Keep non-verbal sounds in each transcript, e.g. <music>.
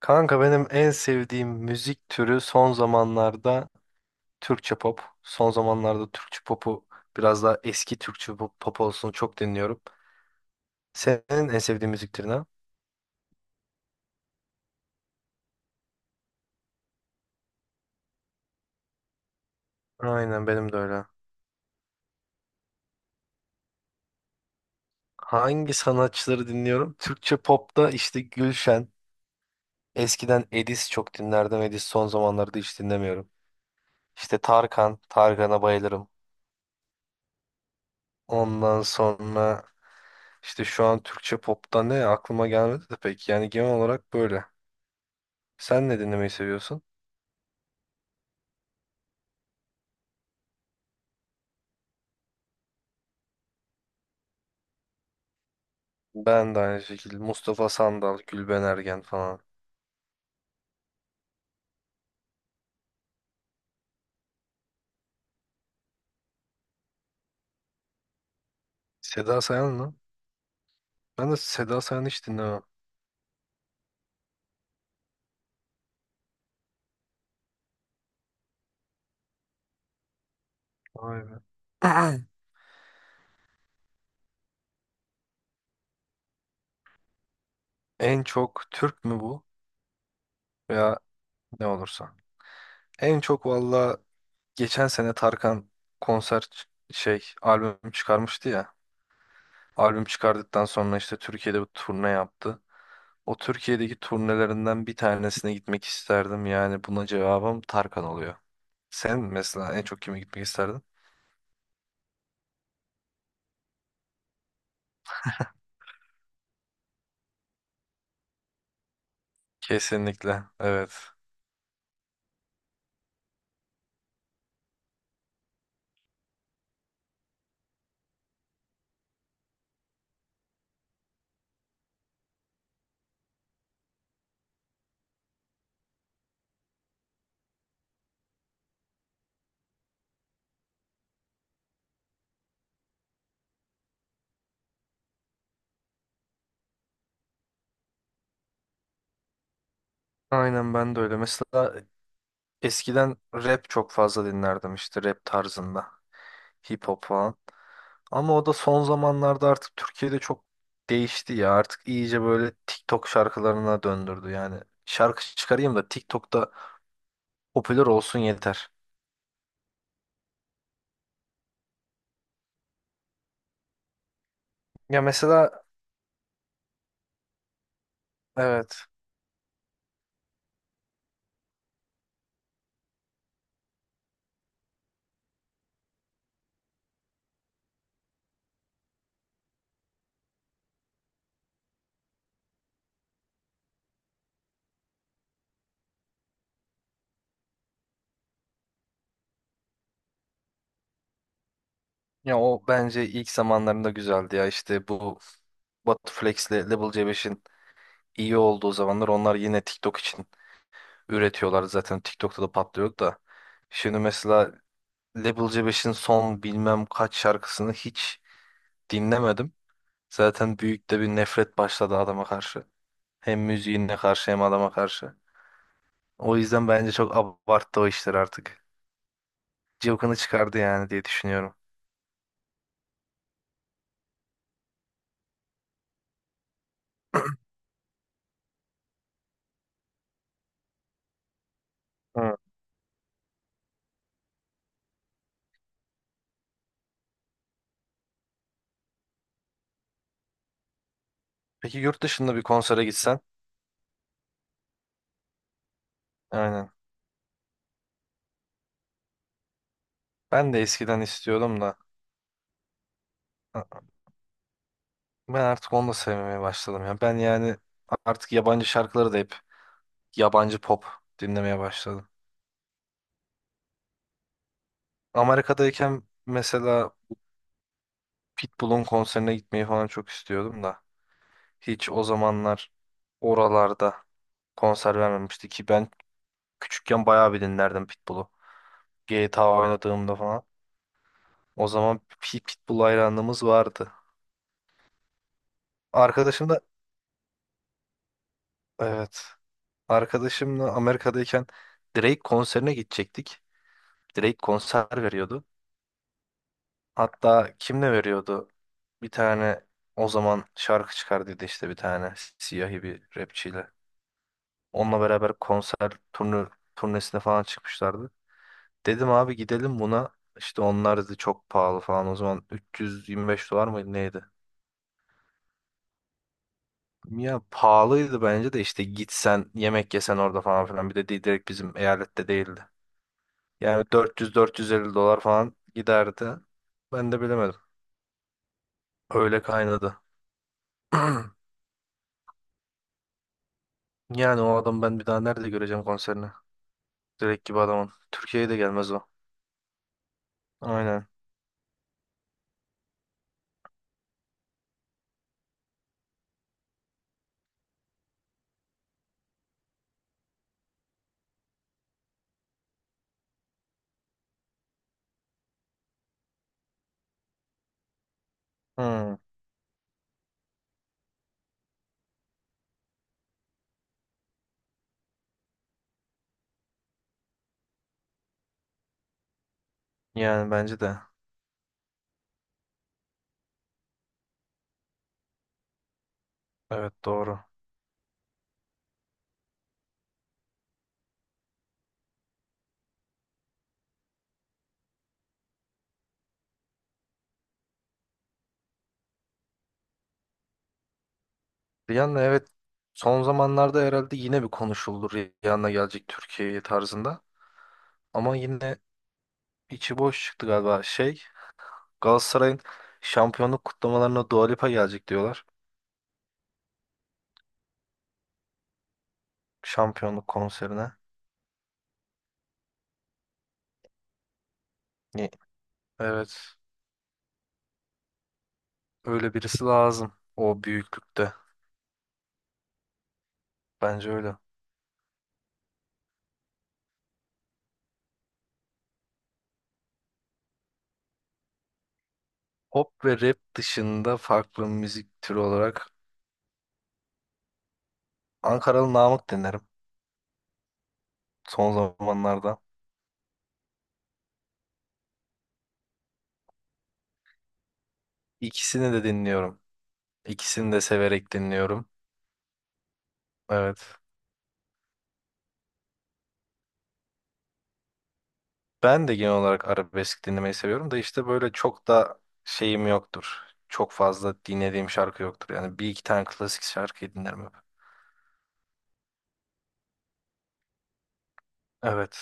Kanka benim en sevdiğim müzik türü son zamanlarda Türkçe pop. Son zamanlarda Türkçe popu biraz daha eski Türkçe pop, pop olsun çok dinliyorum. Senin en sevdiğin müzik türü ne? Aynen benim de öyle. Hangi sanatçıları dinliyorum? Türkçe popta işte Gülşen. Eskiden Edis çok dinlerdim. Edis son zamanlarda hiç dinlemiyorum. İşte Tarkan. Tarkan'a bayılırım. Ondan sonra işte şu an Türkçe popta ne aklıma gelmedi de pek. Yani genel olarak böyle. Sen ne dinlemeyi seviyorsun? Ben de aynı şekilde. Mustafa Sandal, Gülben Ergen falan. Seda Sayan mı? Ben de Seda Sayan'ı hiç dinlemem. Vay be. <clears throat> En çok Türk mü bu? Veya ne olursa. En çok valla geçen sene Tarkan konser ç- şey albüm çıkarmıştı ya. Albüm çıkardıktan sonra işte Türkiye'de bir turne yaptı. O Türkiye'deki turnelerinden bir tanesine gitmek isterdim. Yani buna cevabım Tarkan oluyor. Sen mesela en çok kime gitmek isterdin? Kesinlikle. Evet. Aynen ben de öyle. Mesela eskiden rap çok fazla dinlerdim işte rap tarzında. Hip hop falan. Ama o da son zamanlarda artık Türkiye'de çok değişti ya. Artık iyice böyle TikTok şarkılarına döndürdü. Yani şarkı çıkarayım da TikTok'ta popüler olsun yeter. Ya mesela evet. Ya o bence ilk zamanlarında güzeldi ya. İşte bu Batuflex'le Level C5'in iyi olduğu zamanlar onlar yine TikTok için üretiyorlar zaten TikTok'ta da patlıyor da. Şimdi mesela Level C5'in son bilmem kaç şarkısını hiç dinlemedim. Zaten büyük de bir nefret başladı adama karşı. Hem müziğine karşı hem adama karşı. O yüzden bence çok abarttı o işler artık. Cıvkını çıkardı yani diye düşünüyorum. Hı. Peki yurt dışında bir konsere gitsen? Aynen. Ben de eskiden istiyordum da a- ben artık onu da sevmemeye başladım ya. Ben yani artık yabancı şarkıları da hep yabancı pop dinlemeye başladım. Amerika'dayken mesela Pitbull'un konserine gitmeyi falan çok istiyordum da hiç o zamanlar oralarda konser vermemişti ki ben küçükken bayağı bir dinlerdim Pitbull'u. GTA oynadığımda falan. O zaman Pitbull hayranlığımız vardı. Arkadaşım da evet. Arkadaşımla Amerika'dayken Drake konserine gidecektik. Drake konser veriyordu. Hatta kim ne veriyordu? Bir tane o zaman şarkı çıkardıydı işte bir tane siyahi bir rapçiyle. Onunla beraber turnesine falan çıkmışlardı. Dedim abi gidelim buna. İşte onlar dedi çok pahalı falan. O zaman 325 dolar mıydı neydi? Ya pahalıydı bence de işte gitsen yemek yesen orada falan filan. Bir de direkt bizim eyalette değildi. Yani 400-450 dolar falan giderdi. Ben de bilemedim. Öyle kaynadı. <clears throat> Yani o adam ben bir daha nerede göreceğim konserini? Direkt gibi adamın. Türkiye'ye de gelmez o. Aynen. Hmm. Yani bence de. Evet doğru. Rihanna evet son zamanlarda herhalde yine bir konuşuldu Rihanna gelecek Türkiye'ye tarzında. Ama yine içi boş çıktı galiba şey Galatasaray'ın şampiyonluk kutlamalarına Dua Lipa gelecek diyorlar. Şampiyonluk konserine. Ne? Evet öyle birisi lazım o büyüklükte bence öyle. Pop ve rap dışında farklı müzik türü olarak Ankaralı Namık dinlerim son zamanlarda. İkisini de dinliyorum. İkisini de severek dinliyorum. Evet. Ben de genel olarak arabesk dinlemeyi seviyorum da işte böyle çok da şeyim yoktur. Çok fazla dinlediğim şarkı yoktur. Yani bir iki tane klasik şarkıyı dinlerim hep. Evet.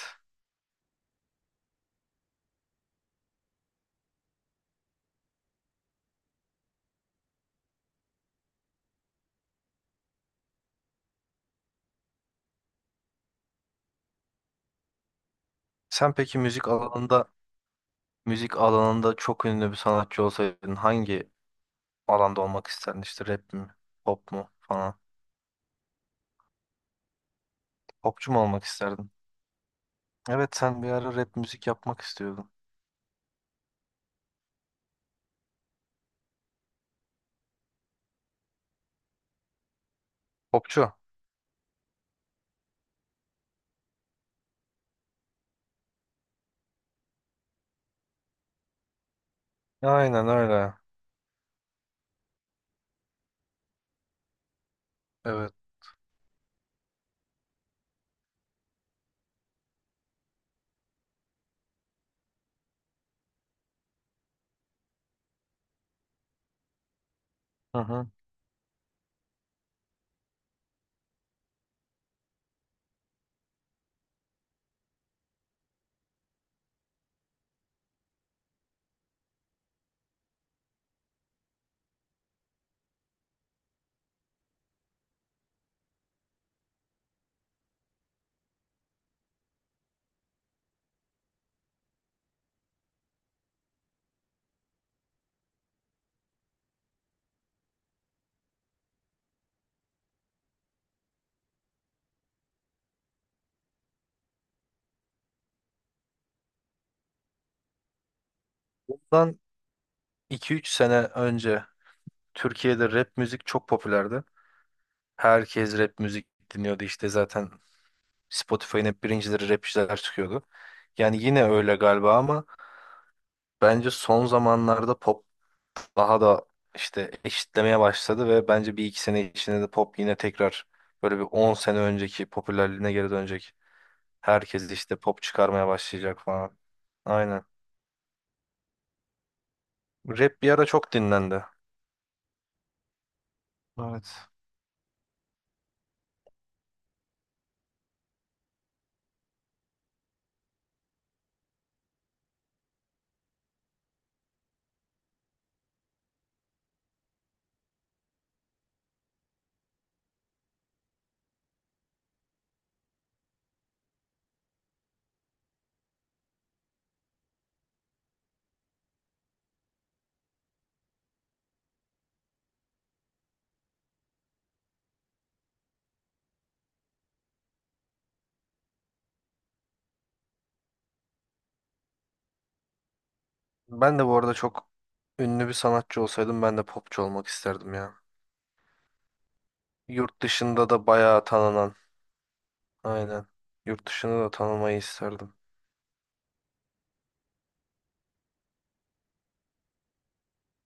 Sen peki müzik alanında çok ünlü bir sanatçı olsaydın hangi alanda olmak isterdin? İşte rap mi? Pop mu falan? Popçu mu olmak isterdin? Evet sen bir ara rap müzik yapmak istiyordun. Popçu. Aynen öyle. Evet. Hı hı. Bundan 2 3 sene önce Türkiye'de rap müzik çok popülerdi. Herkes rap müzik dinliyordu işte zaten Spotify'ın hep birincileri rapçiler çıkıyordu. Yani yine öyle galiba ama bence son zamanlarda pop daha da işte eşitlemeye başladı ve bence 1 2 sene içinde de pop yine tekrar böyle bir 10 sene önceki popülerliğine geri dönecek. Herkes işte pop çıkarmaya başlayacak falan. Aynen. Rap bir ara çok dinlendi. Evet. Ben de bu arada çok ünlü bir sanatçı olsaydım ben de popçu olmak isterdim ya. Yurt dışında da bayağı tanınan Aynen. Yurt dışında da tanımayı isterdim.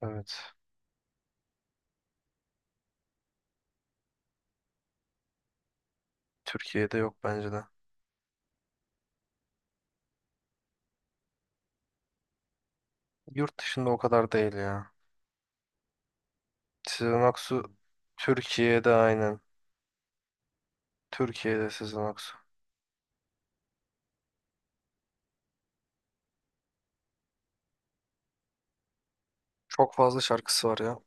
Evet. Türkiye'de yok bence de. Yurt dışında o kadar değil ya. Sezen Aksu Türkiye'de aynen. Türkiye'de Sezen Aksu. Çok fazla şarkısı var ya.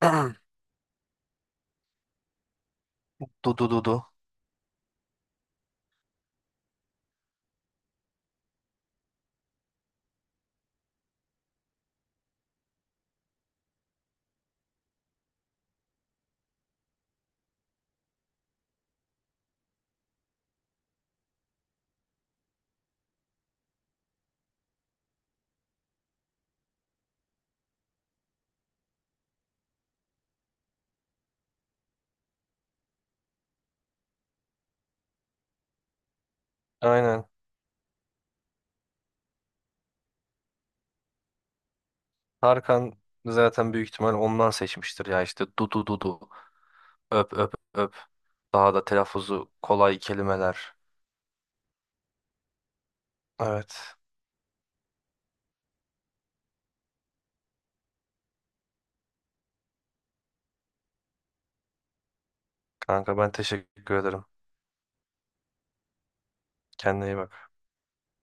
<clears throat> Dudu Dudu. Aynen. Tarkan zaten büyük ihtimal ondan seçmiştir ya işte Dudu Dudu. Öp öp öp. Daha da telaffuzu kolay kelimeler. Evet. Kanka ben teşekkür ederim. Kendine iyi bak.